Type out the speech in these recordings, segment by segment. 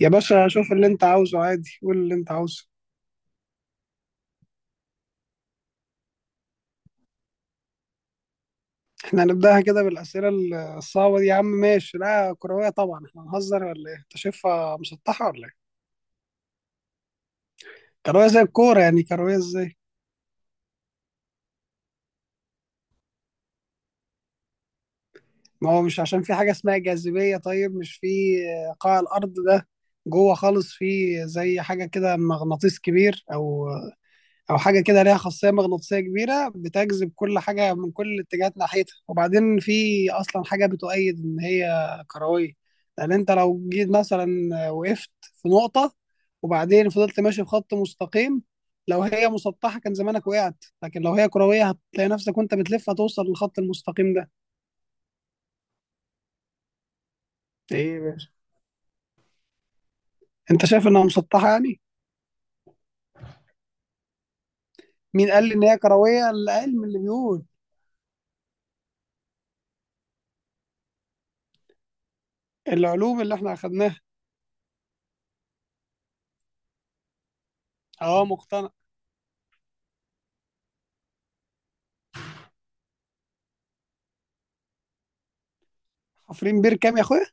يا باشا، شوف اللي انت عاوزه عادي، قول اللي انت عاوزه. احنا هنبداها كده بالاسئله الصعبه دي يا عم. ماشي، لا كرويه طبعا. احنا هنهزر ولا ايه؟ انت شايفها مسطحه ولا ايه؟ كرويه زي الكوره يعني. كرويه ازاي؟ ما هو مش عشان في حاجه اسمها جاذبيه؟ طيب، مش في قاع الارض ده، جوه خالص، في زي حاجه كده، مغناطيس كبير او حاجه كده ليها خاصيه مغناطيسيه كبيره بتجذب كل حاجه من كل الاتجاهات ناحيتها، وبعدين في اصلا حاجه بتؤيد ان هي كرويه. لان انت لو جيت مثلا وقفت في نقطه وبعدين فضلت ماشي في خط مستقيم، لو هي مسطحه كان زمانك وقعت، لكن لو هي كرويه هتلاقي نفسك وانت بتلف هتوصل للخط المستقيم ده. ايه يا باشا؟ انت شايف انها مسطحه يعني؟ مين قال لي ان هي كرويه؟ العلم اللي بيقول، العلوم اللي احنا اخدناها. اه، مقتنع. حفرين بير كام يا اخويا؟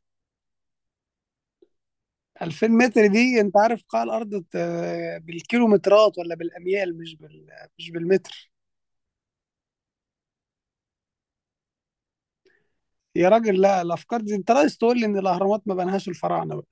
2000 متر دي، انت عارف قاع الارض بالكيلومترات ولا بالاميال، مش بالمتر. يا راجل، لا، الافكار دي، انت عايز تقول لي ان الاهرامات ما بنهاش الفراعنه؟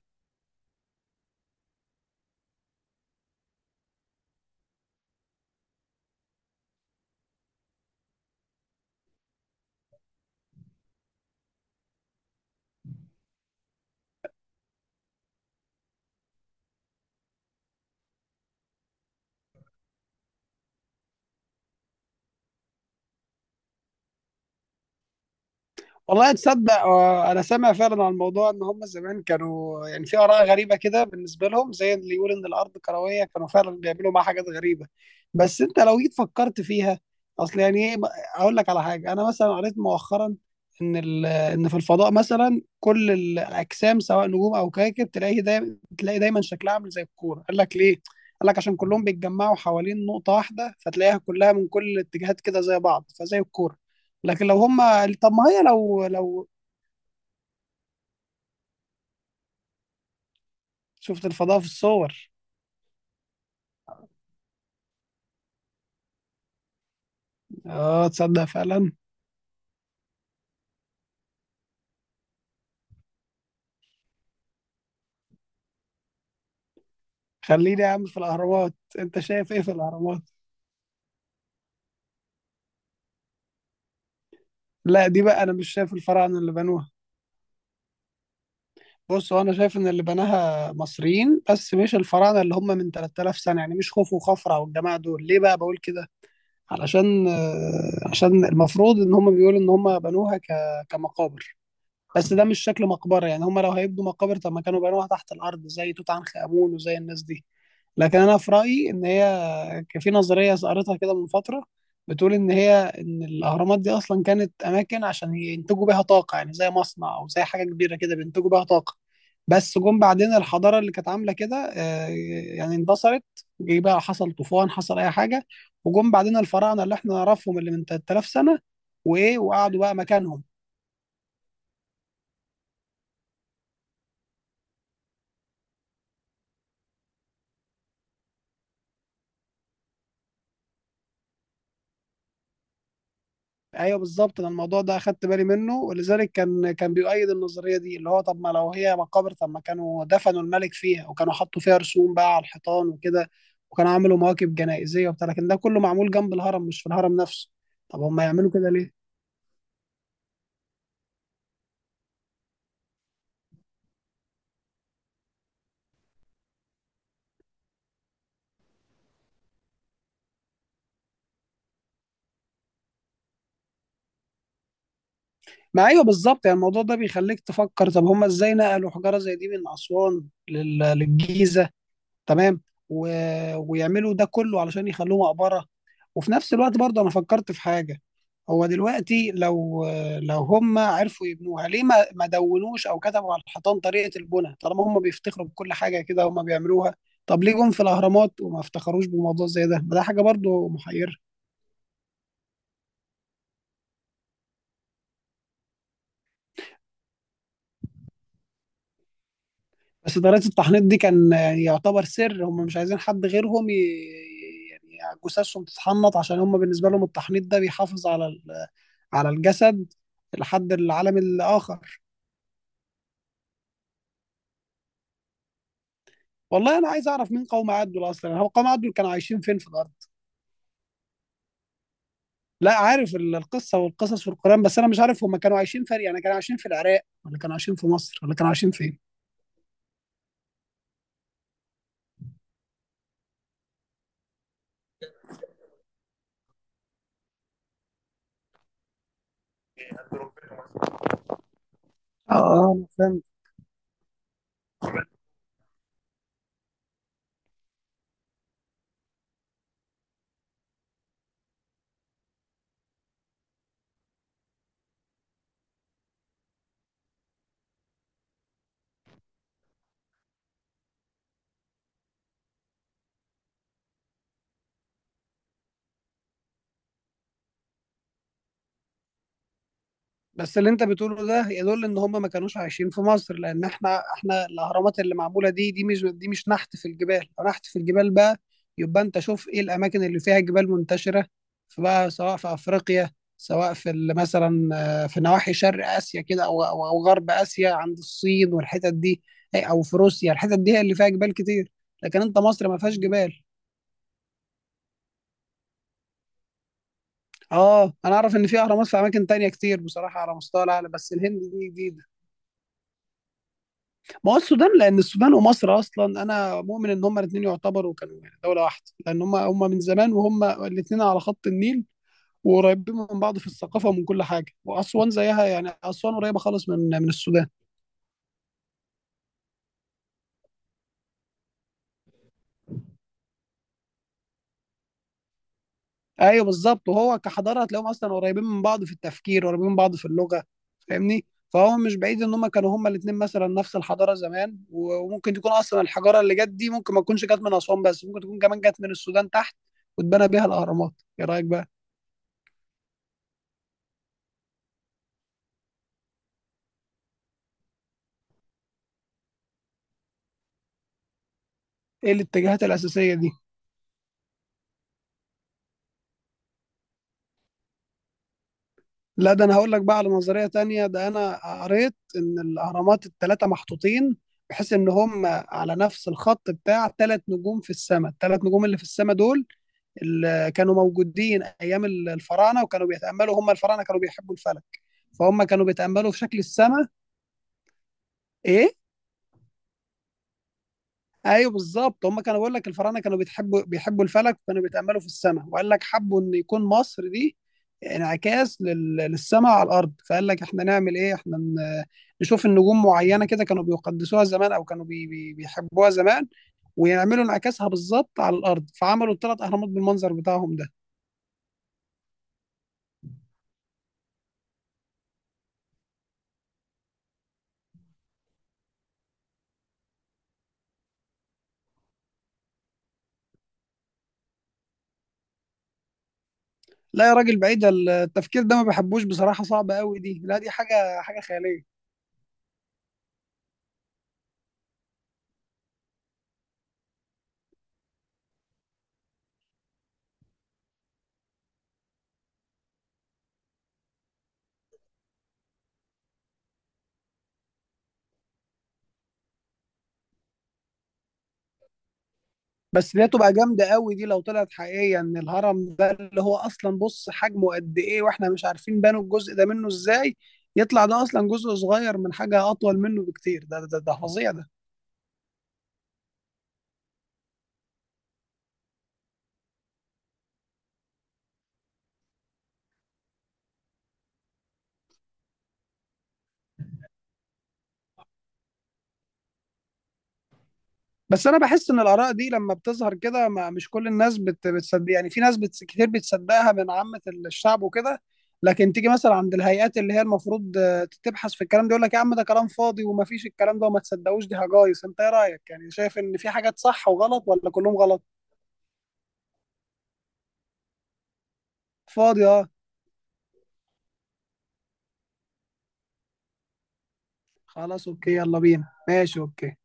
والله تصدق، انا سامع فعلا عن الموضوع ان هم زمان كانوا يعني في اراء غريبه كده بالنسبه لهم، زي اللي يقول ان الارض كرويه كانوا فعلا بيعملوا معاها حاجات غريبه. بس انت لو جيت فكرت فيها، اصل يعني ايه؟ اقول لك على حاجه، انا مثلا قريت مؤخرا ان ان في الفضاء مثلا كل الاجسام، سواء نجوم او كواكب، تلاقي دايما شكلها عامل زي الكوره. قال لك ليه؟ قال لك عشان كلهم بيتجمعوا حوالين نقطه واحده، فتلاقيها كلها من كل الاتجاهات كده زي بعض، فزي الكوره. لكن لو هم، طب ما هي، لو شفت الفضاء في الصور. اه، تصدق فعلا. خليني يا عم في الاهرامات. انت شايف ايه في الاهرامات؟ لا، دي بقى انا مش شايف الفراعنه اللي بنوها. بص، هو انا شايف ان اللي بناها مصريين بس مش الفراعنه اللي هم من 3000 سنه، يعني مش خوفو وخفرع والجماعه دول. ليه بقى بقول كده؟ علشان آه، عشان المفروض ان هم بيقولوا ان هم بنوها كمقابر. بس ده مش شكل مقبره، يعني هم لو هيبنوا مقابر طب ما كانوا بنوها تحت الارض زي توت عنخ امون وزي الناس دي. لكن انا في رايي ان هي، كان في نظريه قريتها كده من فتره بتقول ان الاهرامات دي اصلا كانت اماكن عشان ينتجوا بيها طاقه، يعني زي مصنع او زي حاجه كبيره كده بينتجوا بيها طاقه. بس جم بعدين الحضاره اللي كانت عامله كده يعني اندثرت. جه بقى، حصل طوفان، حصل اي حاجه، وجم بعدين الفراعنه اللي احنا نعرفهم اللي من 3000 سنه، وايه، وقعدوا بقى مكانهم. ايوه، بالظبط، انا الموضوع ده اخدت بالي منه، ولذلك كان بيؤيد النظريه دي، اللي هو طب ما لو هي مقابر طب ما كانوا دفنوا الملك فيها، وكانوا حطوا فيها رسوم بقى على الحيطان وكده، وكانوا عملوا مواكب جنائزيه وبتاع، لكن ده كله معمول جنب الهرم مش في الهرم نفسه. طب هم يعملوا كده ليه؟ ما ايوه، بالظبط، يعني الموضوع ده بيخليك تفكر، طب هم ازاي نقلوا حجاره زي دي من اسوان للجيزه؟ تمام. و... ويعملوا ده كله علشان يخلوه مقبره؟ وفي نفس الوقت برضه انا فكرت في حاجه، هو دلوقتي لو هم عرفوا يبنوها ليه ما دونوش او كتبوا على الحيطان طريقه البناء، طالما هم بيفتخروا بكل حاجه كده هم بيعملوها؟ طب ليه جم في الاهرامات وما افتخروش بموضوع زي ده؟ ما ده حاجه برضو محيره. بس طريقه التحنيط دي كان يعتبر سر، هم مش عايزين حد غيرهم يعني جثثهم تتحنط، عشان هم بالنسبه لهم التحنيط ده بيحافظ على على الجسد لحد العالم الاخر. والله انا عايز اعرف مين قوم عدول اصلا. هو قوم عدول كانوا عايشين فين في الارض؟ لا، عارف القصه والقصص في القران، بس انا مش عارف هم كانوا عايشين فين، يعني كانوا عايشين في العراق ولا كانوا عايشين في مصر ولا كانوا عايشين فين؟ اه، أنا فاهم. بس اللي انت بتقوله ده يدل ان هم ما كانوش عايشين في مصر، لان احنا الاهرامات اللي معموله دي مش نحت في الجبال. لو نحت في الجبال بقى، يبقى انت شوف ايه الاماكن اللي فيها جبال منتشره، فبقى سواء في افريقيا، سواء في مثلا في نواحي شرق اسيا كده او او أو غرب اسيا عند الصين والحتت دي، او في روسيا. الحتت دي هي اللي فيها جبال كتير، لكن انت مصر ما فيهاش جبال. اه، انا اعرف ان في اهرامات في اماكن تانية كتير بصراحه على مستوى العالم، بس الهند دي دي. ما هو السودان، لان السودان ومصر اصلا انا مؤمن ان هما الاثنين يعتبروا كانوا يعني دوله واحده، لان هما من زمان، وهما الاثنين على خط النيل وقريبين من بعض في الثقافه ومن كل حاجه. واسوان زيها، يعني اسوان قريبه خالص من السودان. ايوه، بالظبط، وهو كحضاره هتلاقيهم اصلا قريبين من بعض في التفكير، قريبين من بعض في اللغه. فاهمني؟ فهو مش بعيد ان هما كانوا هما الاثنين مثلا نفس الحضاره زمان، وممكن تكون اصلا الحجاره اللي جت دي ممكن ما تكونش جت من اسوان، بس ممكن تكون كمان جت من السودان تحت واتبنى بيها الاهرامات. ايه رايك بقى؟ ايه الاتجاهات الاساسيه دي؟ لا، ده انا هقول لك بقى على نظريه تانية. ده انا قريت ان الاهرامات الثلاثه محطوطين بحيث ان هم على نفس الخط بتاع ثلاث نجوم في السماء. الثلاث نجوم اللي في السماء دول اللي كانوا موجودين ايام الفراعنه، وكانوا بيتاملوا، هم الفراعنه كانوا بيحبوا الفلك. فهم كانوا بيتاملوا في شكل السماء. ايه؟ ايوه، بالظبط. هم كانوا بيقول لك الفراعنه كانوا بيحبوا الفلك، وكانوا بيتاملوا في السماء، وقال لك حبوا ان يكون مصر دي انعكاس للسماء على الارض. فقال لك احنا نعمل ايه، احنا نشوف النجوم معينه كده كانوا بيقدسوها زمان او كانوا بيحبوها زمان، ويعملوا انعكاسها بالظبط على الارض، فعملوا الثلاث اهرامات بالمنظر بتاعهم ده. لا يا راجل، بعيد التفكير ده ما بحبوش بصراحه، صعب قوي دي، لا، دي حاجه خياليه. بس دي هتبقى جامدة قوي دي لو طلعت حقيقية، ان الهرم ده اللي هو اصلا، بص حجمه قد ايه واحنا مش عارفين بنوا الجزء ده منه ازاي، يطلع ده اصلا جزء صغير من حاجة اطول منه بكتير. ده فظيع ده. بس انا بحس ان الاراء دي لما بتظهر كده ما مش كل الناس بتصدق، يعني في ناس كتير بتصدقها من عامة الشعب وكده، لكن تيجي مثلا عند الهيئات اللي هي المفروض تبحث في الكلام ده يقول لك يا عم ده كلام فاضي وما فيش الكلام ده وما تصدقوش، دي هجايص. انت ايه رايك يعني؟ شايف ان في حاجات صح وغلط ولا كلهم غلط؟ فاضي. خلاص، اوكي، يلا بينا. ماشي، اوكي.